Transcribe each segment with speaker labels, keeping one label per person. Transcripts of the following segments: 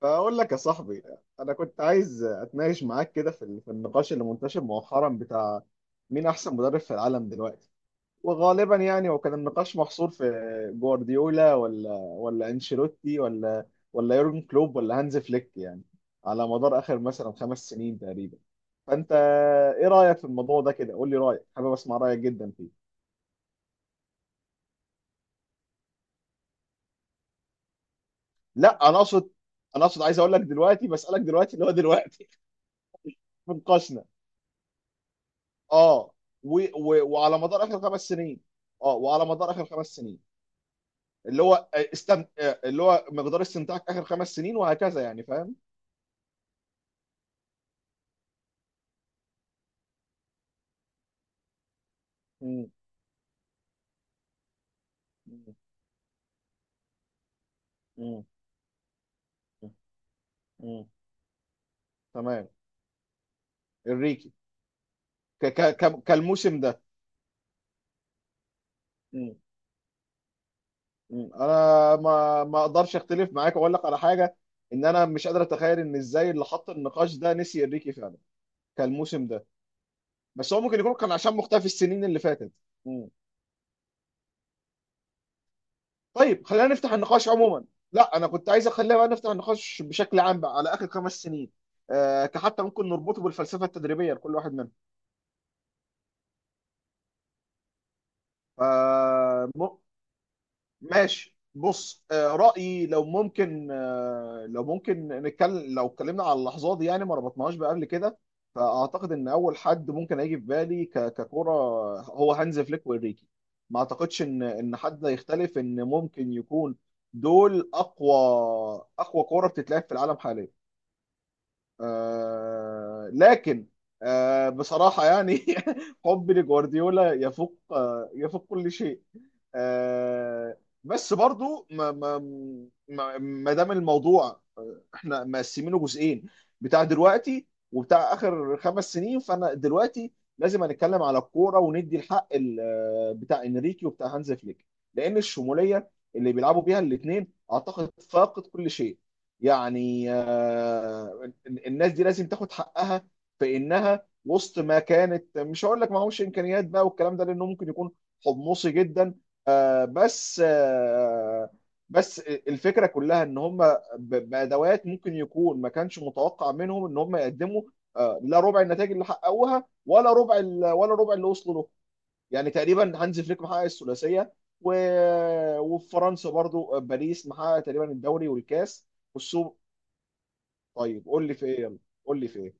Speaker 1: فأقول لك يا صاحبي، أنا كنت عايز أتناقش معاك كده في النقاش اللي منتشر مؤخرا بتاع مين أحسن مدرب في العالم دلوقتي. وغالبا وكان النقاش محصور في جوارديولا ولا أنشيلوتي ولا يورجن كلوب ولا هانز فليك، يعني على مدار آخر مثلا خمس سنين تقريبا. فأنت إيه رأيك في الموضوع ده؟ كده قول لي رأيك، حابب أسمع رأيك جدا فيه. لا أنا أقصد، أنا أقصد عايز أقول لك دلوقتي، بسألك دلوقتي، اللي هو دلوقتي في نقاشنا. اه، و... و... وعلى مدار اخر خمس سنين. اه وعلى مدار اخر خمس سنين، اللي هو اللي هو مقدار استمتاعك اخر خمس سنين وهكذا، يعني فاهم؟ مم. مم. مم. مم. تمام. الريكي. كالموسم ده. مم. مم. انا ما اقدرش اختلف معاك واقول لك على حاجه، ان انا مش قادر اتخيل ان ازاي اللي حط النقاش ده نسي الريكي فعلا كالموسم ده. بس هو ممكن يكون كان عشان مختفي السنين اللي فاتت. طيب خلينا نفتح النقاش عموما. لا انا كنت عايز اخليها بقى، نفتح النقاش بشكل عام بقى على اخر خمس سنين. كحتى ممكن نربطه بالفلسفه التدريبيه لكل واحد منهم. ماشي، بص، رأيي لو ممكن، لو ممكن نتكلم، لو اتكلمنا على اللحظات دي يعني ما ربطناهاش بقى قبل كده. فأعتقد إن أول حد ممكن هيجي في بالي ككرة هو هانز فليك وإنريكي. ما أعتقدش إن حد يختلف إن ممكن يكون دول أقوى، أقوى كرة بتتلعب في العالم حاليا. آه لكن، آه بصراحة يعني حبي لجوارديولا يفوق، آه يفوق كل شيء. آه بس برضو ما دام الموضوع، احنا مقسمينه جزئين، بتاع دلوقتي وبتاع اخر خمس سنين. فانا دلوقتي لازم هنتكلم على الكورة وندي الحق بتاع انريكي وبتاع هانز فليك، لان الشمولية اللي بيلعبوا بيها الاثنين اعتقد فاقت كل شيء. يعني الناس دي لازم تاخد حقها، في انها وسط ما كانت، مش هقول لك معهوش امكانيات بقى والكلام ده لانه ممكن يكون حمصي جدا. آه، بس آه، بس الفكره كلها ان هم بادوات ممكن يكون ما كانش متوقع منهم ان هم يقدموا لا ربع النتائج اللي حققوها، ولا ربع اللي وصلوا له. يعني تقريبا هانز فليك محقق الثلاثيه، وفي فرنسا برضو، باريس محقق تقريبا الدوري والكاس والسوبر. طيب قول لي في ايه، يلا قول لي في ايه.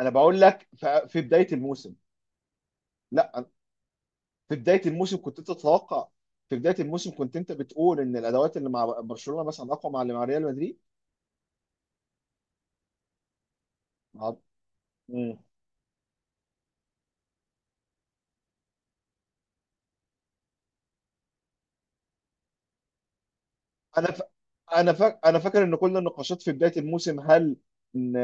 Speaker 1: انا بقول لك في بدايه الموسم. لا في بدايه الموسم كنت انت تتوقع، في بدايه الموسم كنت انت بتقول ان الادوات اللي مع برشلونه مثلا اقوى مع اللي مع ريال مدريد. مع- مم. انا ف... انا فاكر ان كل النقاشات في بدايه الموسم، هل ان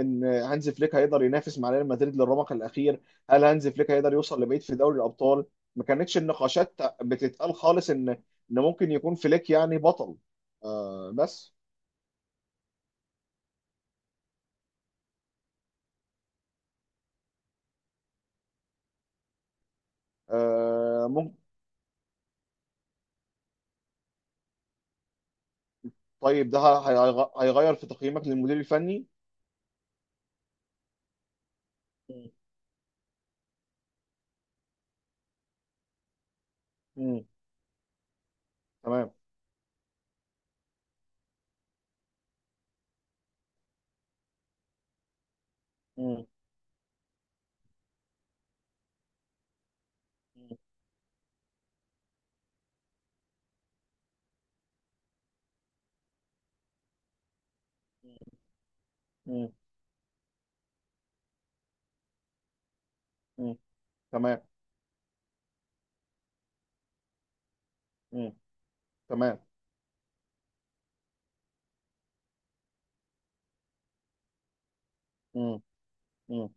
Speaker 1: ان هانز فليك هيقدر ينافس مع ريال مدريد للرمق الاخير، هل هانز فليك هيقدر يوصل لبعيد في دوري الابطال. ما كانتش النقاشات بتتقال خالص ان ممكن يكون فليك يعني بطل. آه بس، آه ممكن. طيب ده هيغير في تقييمك للمدير الفني؟ مم. مم. تمام. مم. مم. مم. مم. مم. تمام. مم. تمام. مم. مم.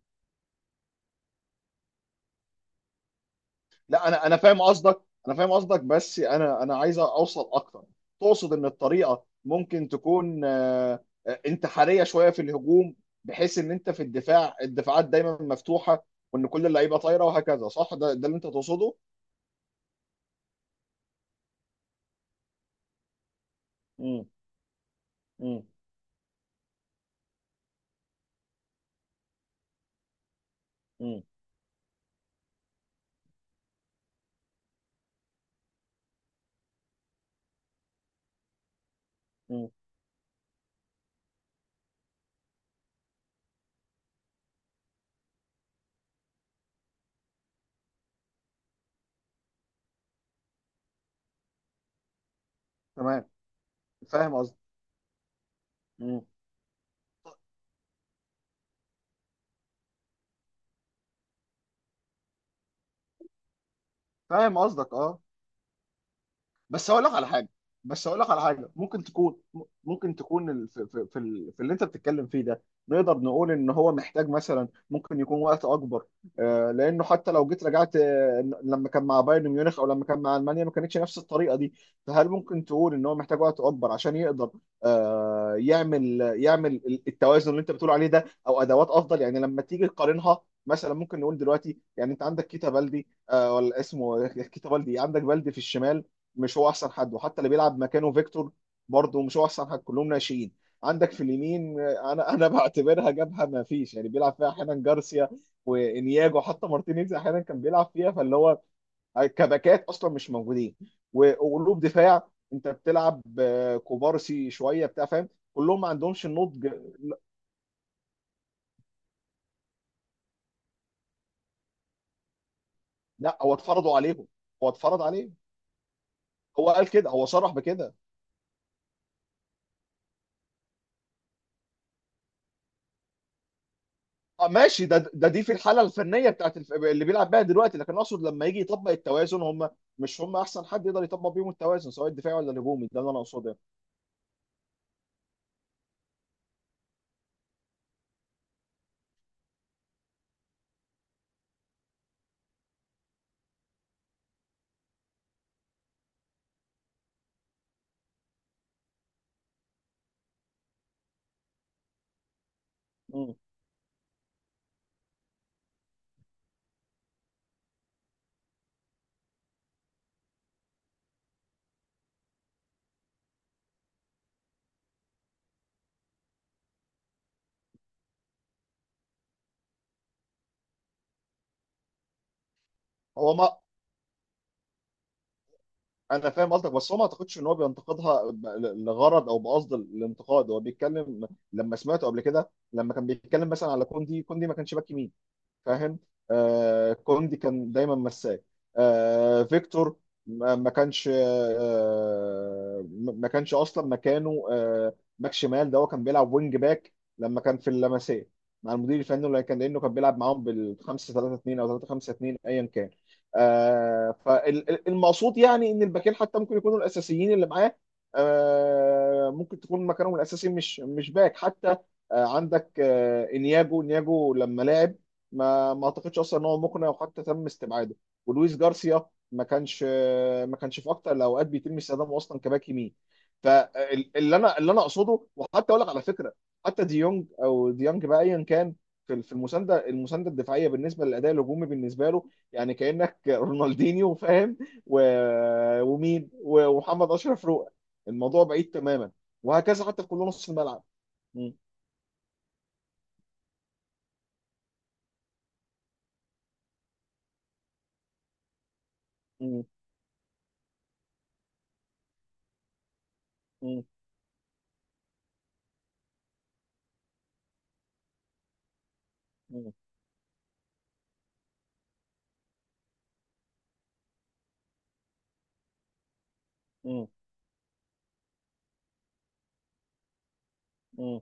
Speaker 1: لا انا فاهم قصدك، انا فاهم قصدك، بس انا عايز اوصل اكتر. تقصد ان الطريقه ممكن تكون انتحاريه شويه في الهجوم، بحيث ان انت في الدفاع الدفاعات دايما مفتوحه، وان كل اللعيبه طايره وهكذا، صح؟ ده اللي انت تقصده. مم. مم. مم. مم. تمام. فاهم قصدك. فاهم قصدك، اه. بس هقول لك على حاجه، بس هقول لك على حاجه ممكن تكون، ممكن تكون في اللي انت بتتكلم فيه ده، نقدر نقول ان هو محتاج مثلا، ممكن يكون وقت اكبر. آه لانه حتى لو جيت رجعت، آه لما كان مع بايرن ميونخ او لما كان مع المانيا ما كانتش نفس الطريقه دي. فهل ممكن تقول ان هو محتاج وقت اكبر عشان يقدر آه يعمل، التوازن اللي انت بتقول عليه ده، او ادوات افضل؟ يعني لما تيجي تقارنها مثلا، ممكن نقول دلوقتي، يعني انت عندك كيتا بالدي، آه ولا اسمه كيتا بالدي، عندك بالدي في الشمال، مش هو احسن حد. وحتى اللي بيلعب مكانه فيكتور برضه مش هو احسن حد، كلهم ناشئين. عندك في اليمين، آه، انا انا بعتبرها جبهه ما فيش، يعني بيلعب فيها احيانا جارسيا وانياجو، حتى مارتينيز احيانا كان بيلعب فيها. فاللي هو كباكات اصلا مش موجودين. وقلوب دفاع انت بتلعب، كوبارسي شويه بتاع، فاهم، كلهم ما عندهمش النضج. لا هو اتفرضوا عليهم، هو اتفرض عليه، هو قال كده، هو صرح بكده. اه ماشي، ده دي في الحاله الفنيه بتاعت اللي بيلعب بيها دلوقتي. لكن اقصد لما يجي يطبق التوازن، هم مش هم احسن حد يقدر يطبق بيهم التوازن، سواء الدفاعي ولا الهجومي. ده اللي انا اقصده يعني. مم. هو، ما انا فاهم قصدك، بس هو ما اعتقدش ان هو بينتقدها لغرض او بقصد الانتقاد، هو بيتكلم. لما سمعته قبل كده لما كان بيتكلم مثلا على كوندي، كوندي ما كانش باك يمين، فاهم. آه كوندي كان دايما مساك آه فيكتور. ما كانش، آه ما كانش اصلا مكانه، آه باك شمال، ده هو كان بيلعب وينج باك، لما كان في اللمسيه مع المدير الفني اللي كان، لانه كان بيلعب معاهم بال 5 3 2 او 3 5 2 ايا كان. آه فالمقصود يعني ان الباكين حتى ممكن يكونوا الاساسيين اللي معاه، آه ممكن تكون مكانهم الاساسي مش باك حتى. آه عندك آه انياجو، انياجو لما لعب ما ما اعتقدش اصلا ان هو مقنع، وحتى تم استبعاده. ولويس جارسيا، ما كانش ما كانش في اكتر الاوقات بيتم استخدامه اصلا كباك يمين. فاللي انا، اللي انا اقصده، وحتى اقول لك على فكره، حتى ديونج او ديانج بقى ايا كان، في المسانده المسانده الدفاعيه بالنسبه للاداء الهجومي بالنسبه له، يعني كانك رونالدينيو، فاهم. و... ومين و- ومحمد اشرف روقه، الموضوع بعيد تماما، وهكذا حتى في كل نص الملعب. م- م- م- م- م-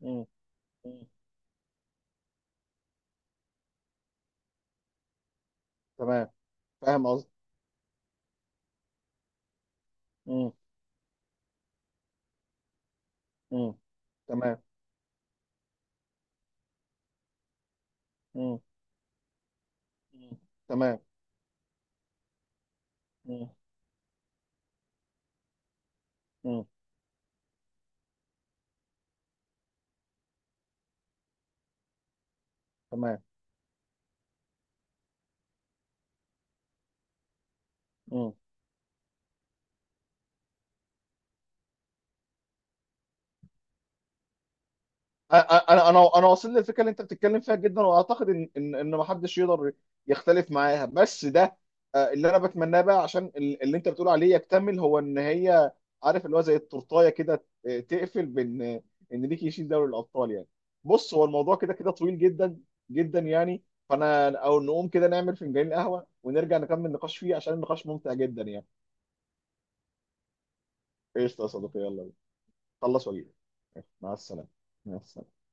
Speaker 1: م- م- تمام، فاهم قصدي. مم، مم، تمام. مم، مم، تمام. مم، مم، تمام. مم. انا انا انا واصل للفكره اللي انت بتتكلم فيها جدا، واعتقد ان ما حدش يقدر يختلف معاها. بس ده، اللي انا بتمناه بقى عشان اللي انت بتقول عليه يكتمل، هو ان هي، عارف اللي هو زي التورتايه كده، تقفل بان، ان ليك يشيل دوري الابطال يعني. بص هو الموضوع كده كده طويل جدا جدا يعني، فانا او نقوم كده نعمل فنجان قهوه ونرجع نكمل نقاش فيه، عشان النقاش ممتع جدا يعني. ايش يا صديقي، يلا بينا. خلص واجيلك. مع السلامه. مع السلامه.